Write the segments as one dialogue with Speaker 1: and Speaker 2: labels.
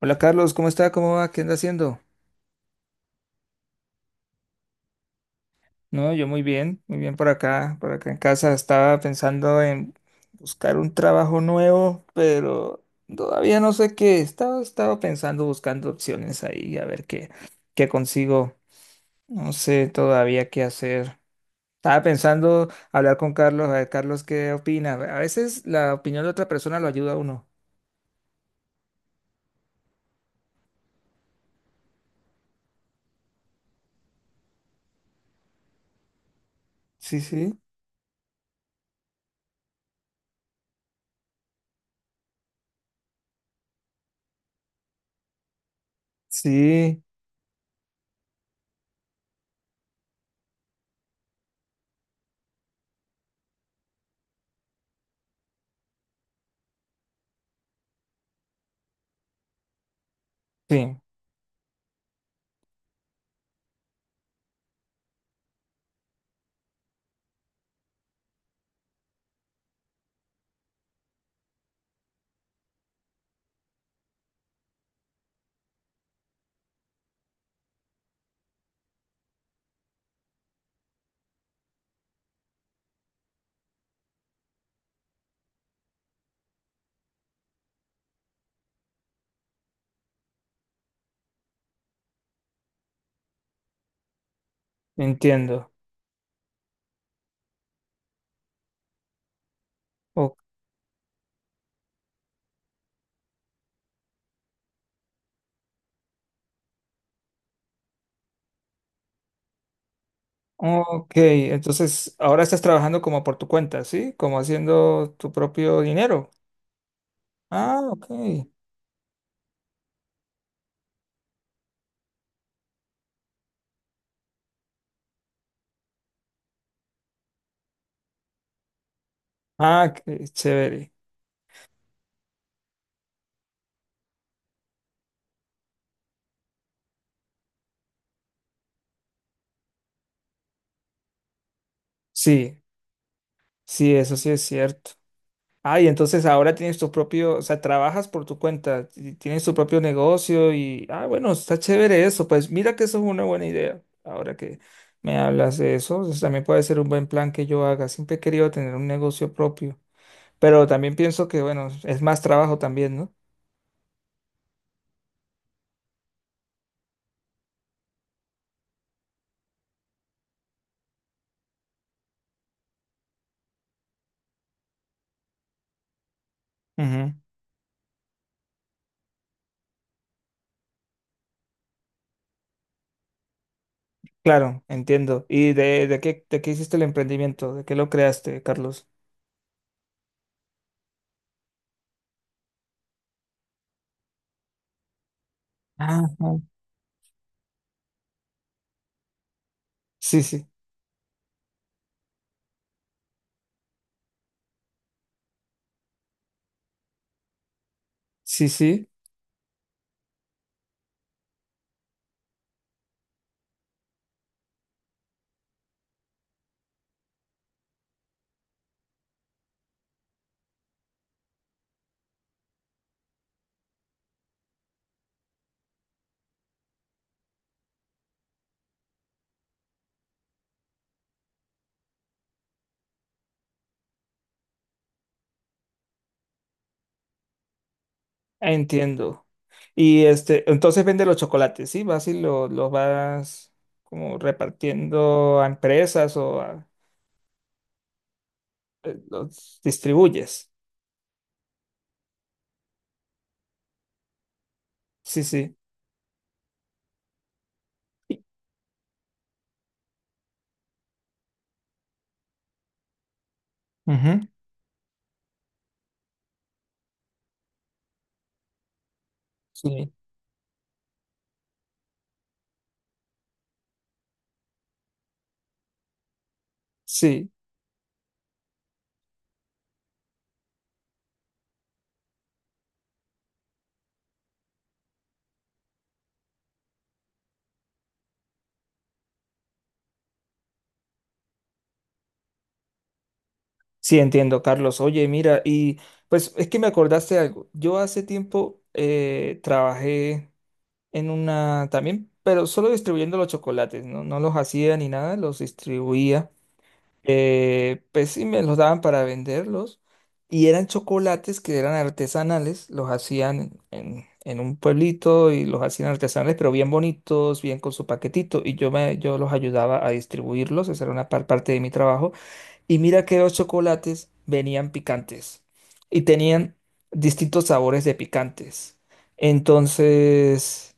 Speaker 1: Hola Carlos, ¿cómo está? ¿Cómo va? ¿Qué anda haciendo? No, yo muy bien por acá en casa. Estaba pensando en buscar un trabajo nuevo, pero todavía no sé qué. Estaba pensando, buscando opciones ahí, a ver qué, qué consigo. No sé todavía qué hacer. Estaba pensando hablar con Carlos, a ver, Carlos, ¿qué opina? A veces la opinión de otra persona lo ayuda a uno. Sí, sí. Sí, sí, entiendo. Ok. Ok, entonces ahora estás trabajando como por tu cuenta, ¿sí? Como haciendo tu propio dinero. Ah, ok. Ah, qué chévere. Sí, sí, eso sí es cierto. Ah, y entonces ahora tienes tu propio, o sea, trabajas por tu cuenta, y tienes tu propio negocio y, ah, bueno, está chévere eso. Pues mira que eso es una buena idea. Ahora que me hablas de eso, eso también puede ser un buen plan que yo haga. Siempre he querido tener un negocio propio, pero también pienso que, bueno, es más trabajo también, ¿no? Claro, entiendo. ¿Y de qué hiciste el emprendimiento? ¿De qué lo creaste, Carlos? Ah, ah. Sí, sí, sí, sí, entiendo. Y este, entonces vende los chocolates, ¿sí? Vas y los vas como repartiendo a empresas o los distribuyes. Sí, sí. Y- Ujú. Sí, sí, sí, entiendo, Carlos. Oye, mira, y pues es que me acordaste algo. Yo hace tiempo trabajé en una también, pero solo distribuyendo los chocolates, ¿no? No los hacía ni nada, los distribuía. Pues sí, me los daban para venderlos. Y eran chocolates que eran artesanales, los hacían en un pueblito y los hacían artesanales, pero bien bonitos, bien con su paquetito. Y yo, me, yo los ayudaba a distribuirlos, esa era una parte de mi trabajo. Y mira que los chocolates venían picantes y tenían distintos sabores de picantes. Entonces,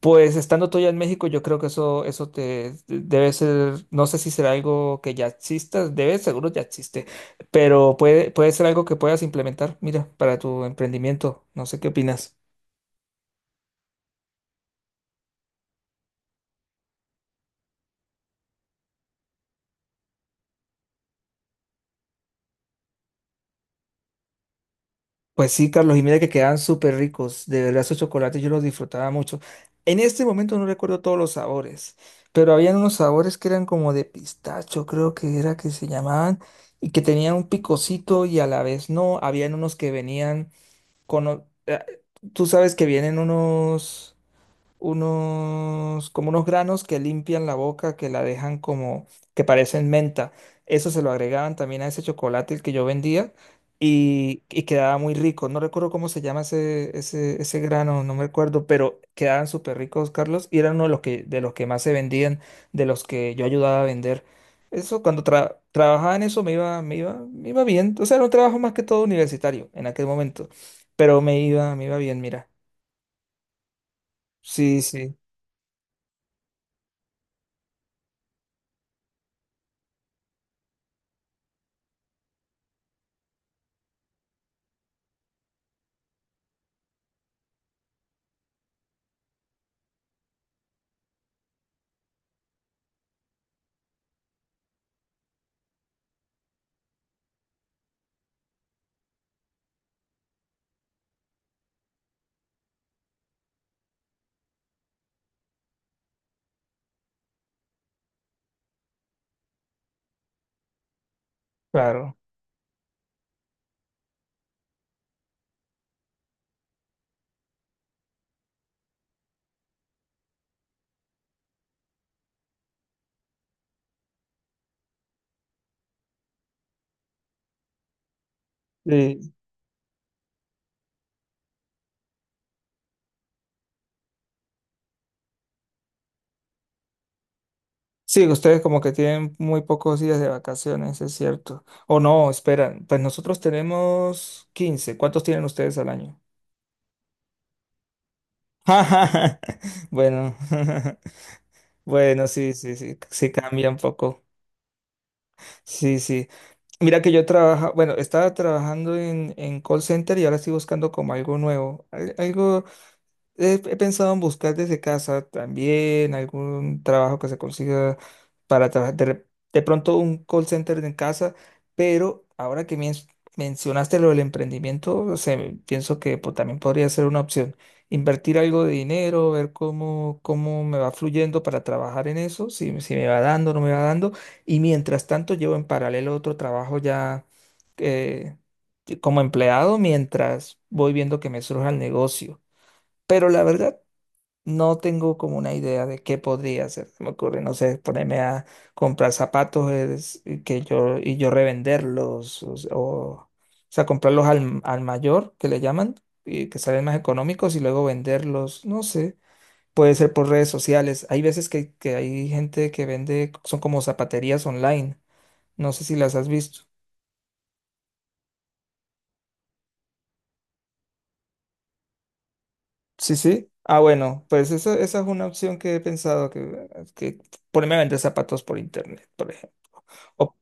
Speaker 1: pues estando tú ya en México, yo creo que eso te debe ser, no sé si será algo que ya exista, debe, seguro ya existe, pero puede, puede ser algo que puedas implementar, mira, para tu emprendimiento. No sé qué opinas. Pues sí, Carlos, y mira que quedaban súper ricos. De verdad, esos chocolates yo los disfrutaba mucho. En este momento no recuerdo todos los sabores, pero habían unos sabores que eran como de pistacho, creo que era que se llamaban, y que tenían un picocito y a la vez no. Habían unos que venían con... tú sabes que vienen unos como unos granos que limpian la boca, que la dejan como, que parecen menta. Eso se lo agregaban también a ese chocolate el que yo vendía y quedaba muy rico. No recuerdo cómo se llama ese grano, no me acuerdo, pero quedaban súper ricos, Carlos, y eran uno de los que más se vendían, de los que yo ayudaba a vender. Eso, cuando trabajaba en eso me iba, me iba bien. O sea, era un trabajo más que todo universitario en aquel momento, pero me iba bien, mira. Sí, sí, claro. Sí, sí, ustedes como que tienen muy pocos días de vacaciones, es cierto. O no, esperan, pues nosotros tenemos 15. ¿Cuántos tienen ustedes al año? Bueno, bueno, sí, sí, sí, sí cambia un poco. Sí, sí. Mira que yo trabaja, bueno, estaba trabajando en call center y ahora estoy buscando como algo nuevo, algo he, he pensado en buscar desde casa también algún trabajo que se consiga para trabajar. De, de pronto un call center en casa, pero ahora que mencionaste lo del emprendimiento, o sea, pienso que pues, también podría ser una opción. Invertir algo de dinero, ver cómo, cómo me va fluyendo para trabajar en eso, si, si me va dando, no me va dando. Y mientras tanto, llevo en paralelo otro trabajo ya eh, como empleado mientras voy viendo que me surja el negocio. Pero la verdad, no tengo como una idea de qué podría hacer. Se me ocurre, no sé, ponerme a comprar zapatos y que yo, y yo revenderlos. O sea, comprarlos al, al mayor, que le llaman, y que salen más económicos y luego venderlos. No sé. Puede ser por redes sociales. Hay veces que hay gente que vende, son como zapaterías online. No sé si las has visto. Sí, sí. Ah, bueno, pues esa es una opción que he pensado, que ponerme a vender zapatos por internet, por ejemplo. O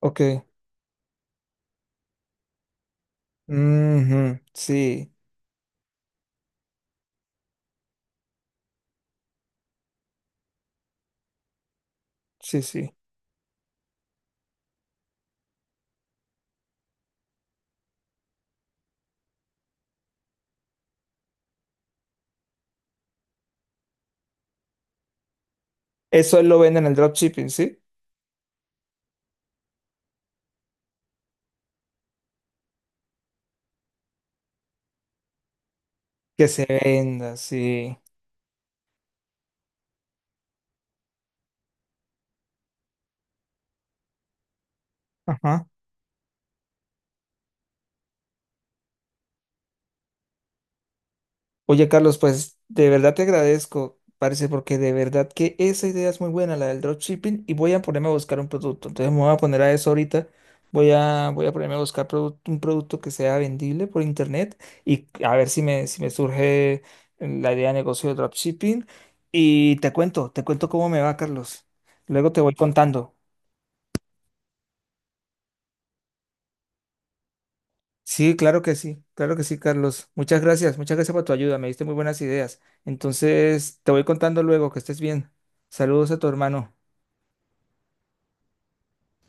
Speaker 1: ok. Ujú, sí, sí, sí. Eso lo venden en el dropshipping, ¿sí? Que se venda, sí. Ajá. Oye, Carlos, pues de verdad te agradezco, parece, porque de verdad que esa idea es muy buena, la del dropshipping, y voy a ponerme a buscar un producto. Entonces me voy a poner a eso ahorita. Voy a, voy a ponerme a buscar un producto que sea vendible por internet y a ver si me, si me surge la idea de negocio de dropshipping. Y te cuento cómo me va, Carlos. Luego te voy contando. Sí, claro que sí, claro que sí, Carlos. Muchas gracias por tu ayuda, me diste muy buenas ideas. Entonces, te voy contando luego, que estés bien. Saludos a tu hermano.